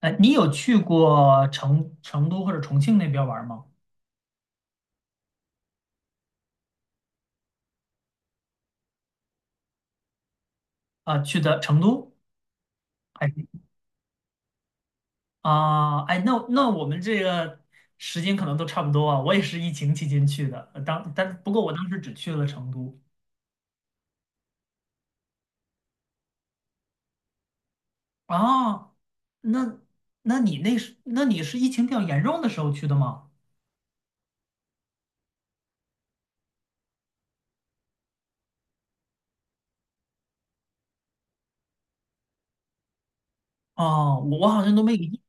你有去过成都或者重庆那边玩吗？啊、去的成都还是啊、哎，那我们这个时间可能都差不多啊。我也是疫情期间去的，呃当但不过我当时只去了成都啊。那你是疫情比较严重的时候去的吗？哦，我好像都没有印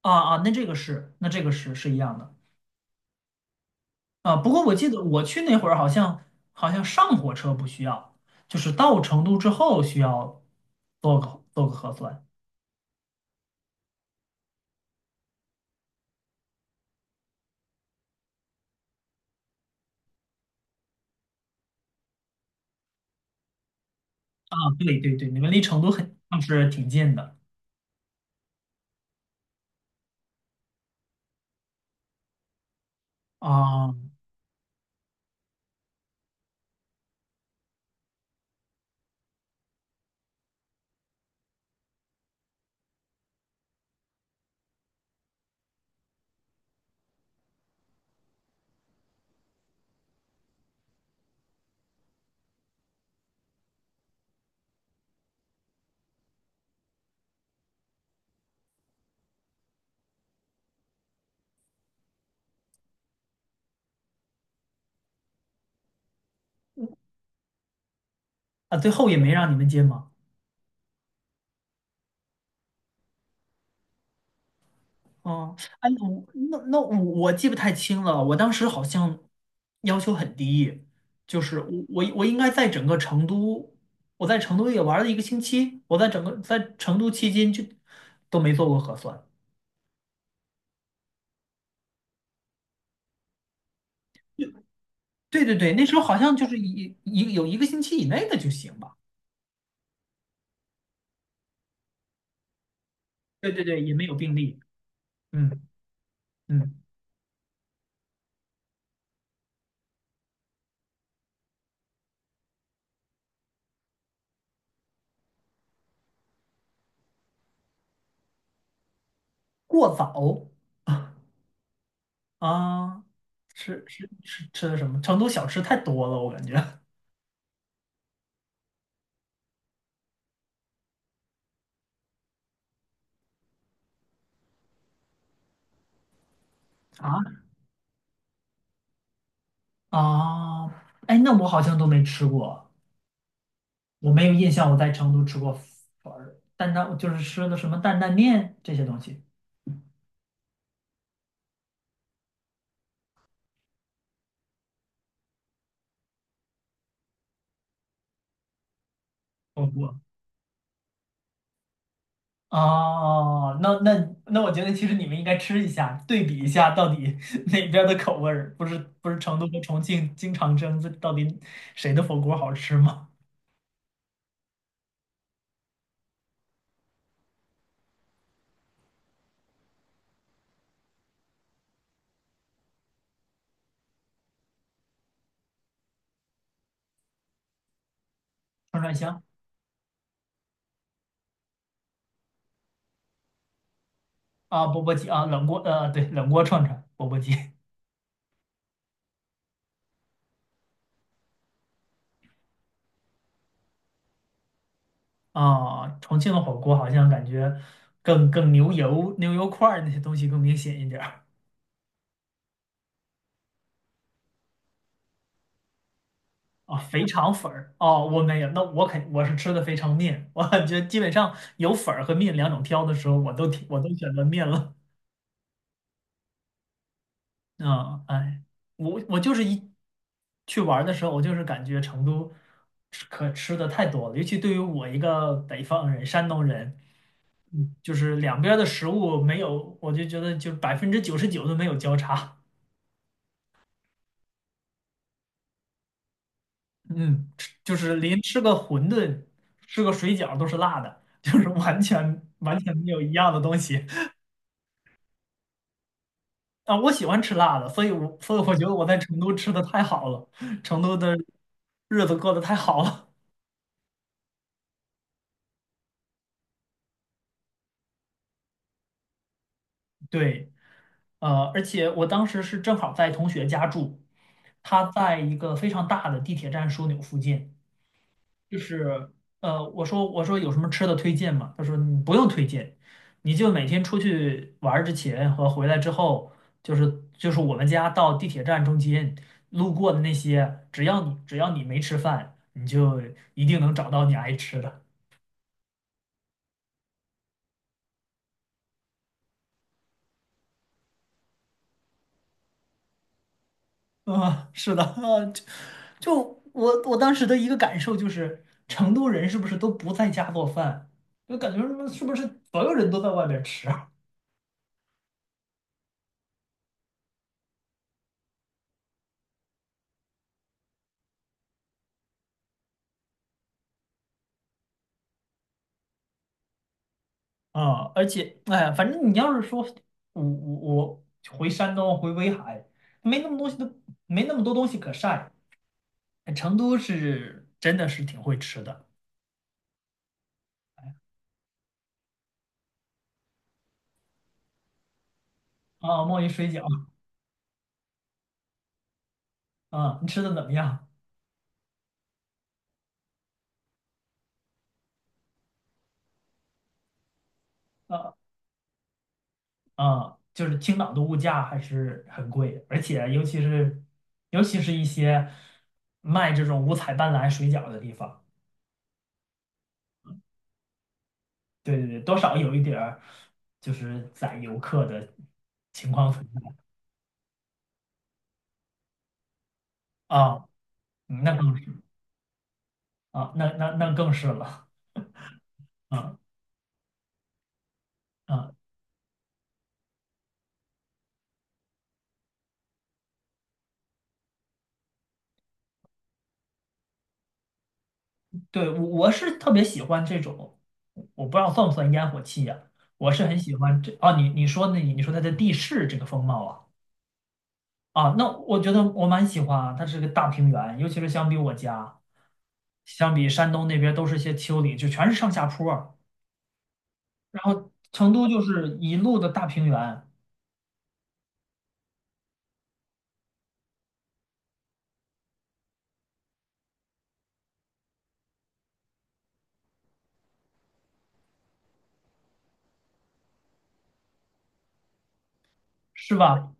啊。啊，那这个是那这个是是一样的。啊，不过我记得我去那会儿好像好像上火车不需要，就是到成都之后需要做个核酸啊。对对对，你们离成都很像是挺近的啊。啊，最后也没让你们进吗？嗯，哎，我那那我我记不太清了，我当时好像要求很低，就是我应该在整个成都，我在成都也玩了一个星期，我在整个在成都期间就都没做过核酸。对对对，那时候好像就是有一个星期以内的就行吧。对对对，也没有病例。嗯。嗯，过早啊，吃的什么？成都小吃太多了，我感觉啊。 啊，哎，那我好像都没吃过，我没有印象我在成都吃过粉儿担担就是吃的什么担担面这些东西。我我哦，那，我觉得其实你们应该吃一下，对比一下到底 哪边儿的口味儿，不是不是成都和重庆经常争，这到底谁的火锅好吃吗？串串香啊，钵钵鸡啊，冷锅对，冷锅串串，钵钵鸡啊，重庆的火锅好像感觉更牛油块儿那些东西更明显一点儿啊，肥肠粉儿哦，我没有，那我是吃的肥肠面，我感觉基本上有粉儿和面两种挑的时候，我都选择面了。嗯，哎，我就是一去玩儿的时候，我就是感觉成都吃可吃的太多了，尤其对于我一个北方人、山东人，嗯，就是两边儿的食物没有，我就觉得就99%都没有交叉。嗯，吃就是连吃个馄饨、吃个水饺都是辣的，就是完全完全没有一样的东西。啊，我喜欢吃辣的，所以我觉得我在成都吃的太好了，成都的日子过得太好了。对。呃，而且我当时是正好在同学家住，他在一个非常大的地铁站枢纽附近。就是呃，我说有什么吃的推荐吗？他说你不用推荐，你就每天出去玩儿之前和回来之后，就是我们家到地铁站中间路过的那些，只要你没吃饭，你就一定能找到你爱吃的。啊，是的，啊，就我当时的一个感受就是，成都人是不是都不在家做饭？就感觉什么是不是所有人都在外边吃啊？啊，而且，哎呀，反正你要是说我回山东回威海，没那么东西都没那么多东西可晒。哎成都是真的是挺会吃的啊，墨鱼水饺啊，你吃的怎么样？啊？嗯，就是青岛的物价还是很贵，而且尤其是一些卖这种五彩斑斓水饺的地方，对对对，多少有一点儿就是宰游客的情况存在啊，嗯那更是啊，那那那更是了，嗯。嗯，对，我是特别喜欢这种，我不知道算不算烟火气呀、我是很喜欢这啊，你说它的地势这个风貌啊。啊，那我觉得我蛮喜欢啊，它是个大平原，尤其是相比我家，相比山东那边都是些丘陵，就全是上下坡儿，然后成都就是一路的大平原，是吧？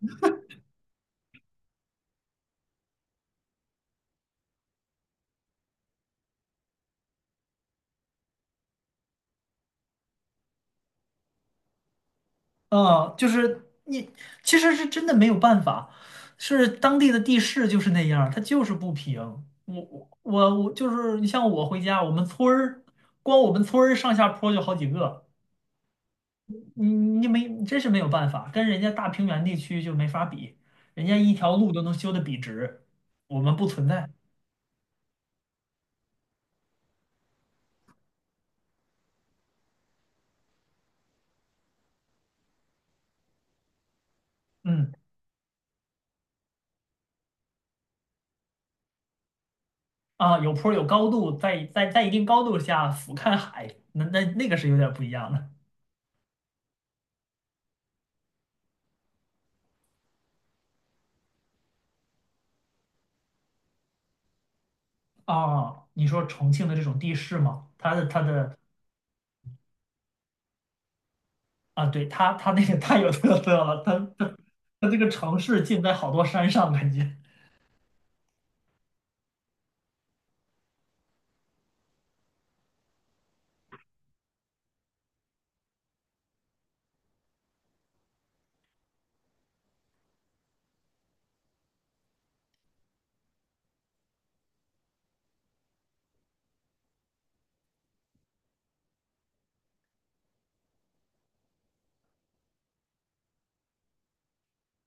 嗯，就是其实是真的没有办法，是当地的地势就是那样儿它就是不平。我就是你像我回家，我们村儿光我们村儿上下坡就好几个。你没，真是没有办法，跟人家大平原地区就没法比，人家一条路都能修得笔直，我们不存在。嗯。啊，有坡儿有高度，在一定高度下俯瞰海，那个是有点不一样的。啊。你说重庆的这种地势吗？它的啊，对，它那个太有特色了，它这个城市建在好多山上，感觉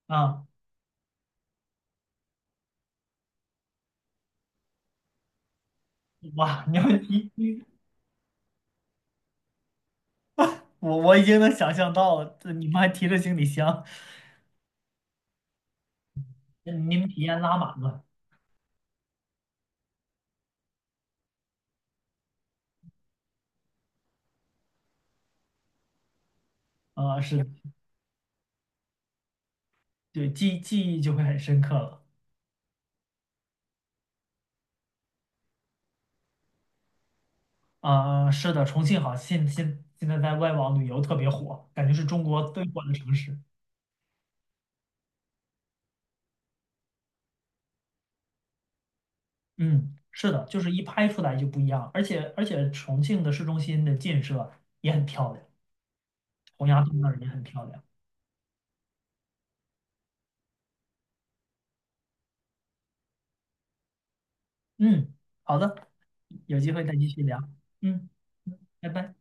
啊，哇，你要你你我已经能想象到了，这你们还提着行李箱，你们体验拉满了。呃，是，对，记忆就会很深刻了。啊、是的，重庆好，现在在外网旅游特别火，感觉是中国最火的城市。嗯，是的，就是一拍出来就不一样，而且重庆的市中心的建设也很漂亮，洪崖洞那儿也很漂亮。嗯，好的，有机会再继续聊。嗯，嗯拜拜。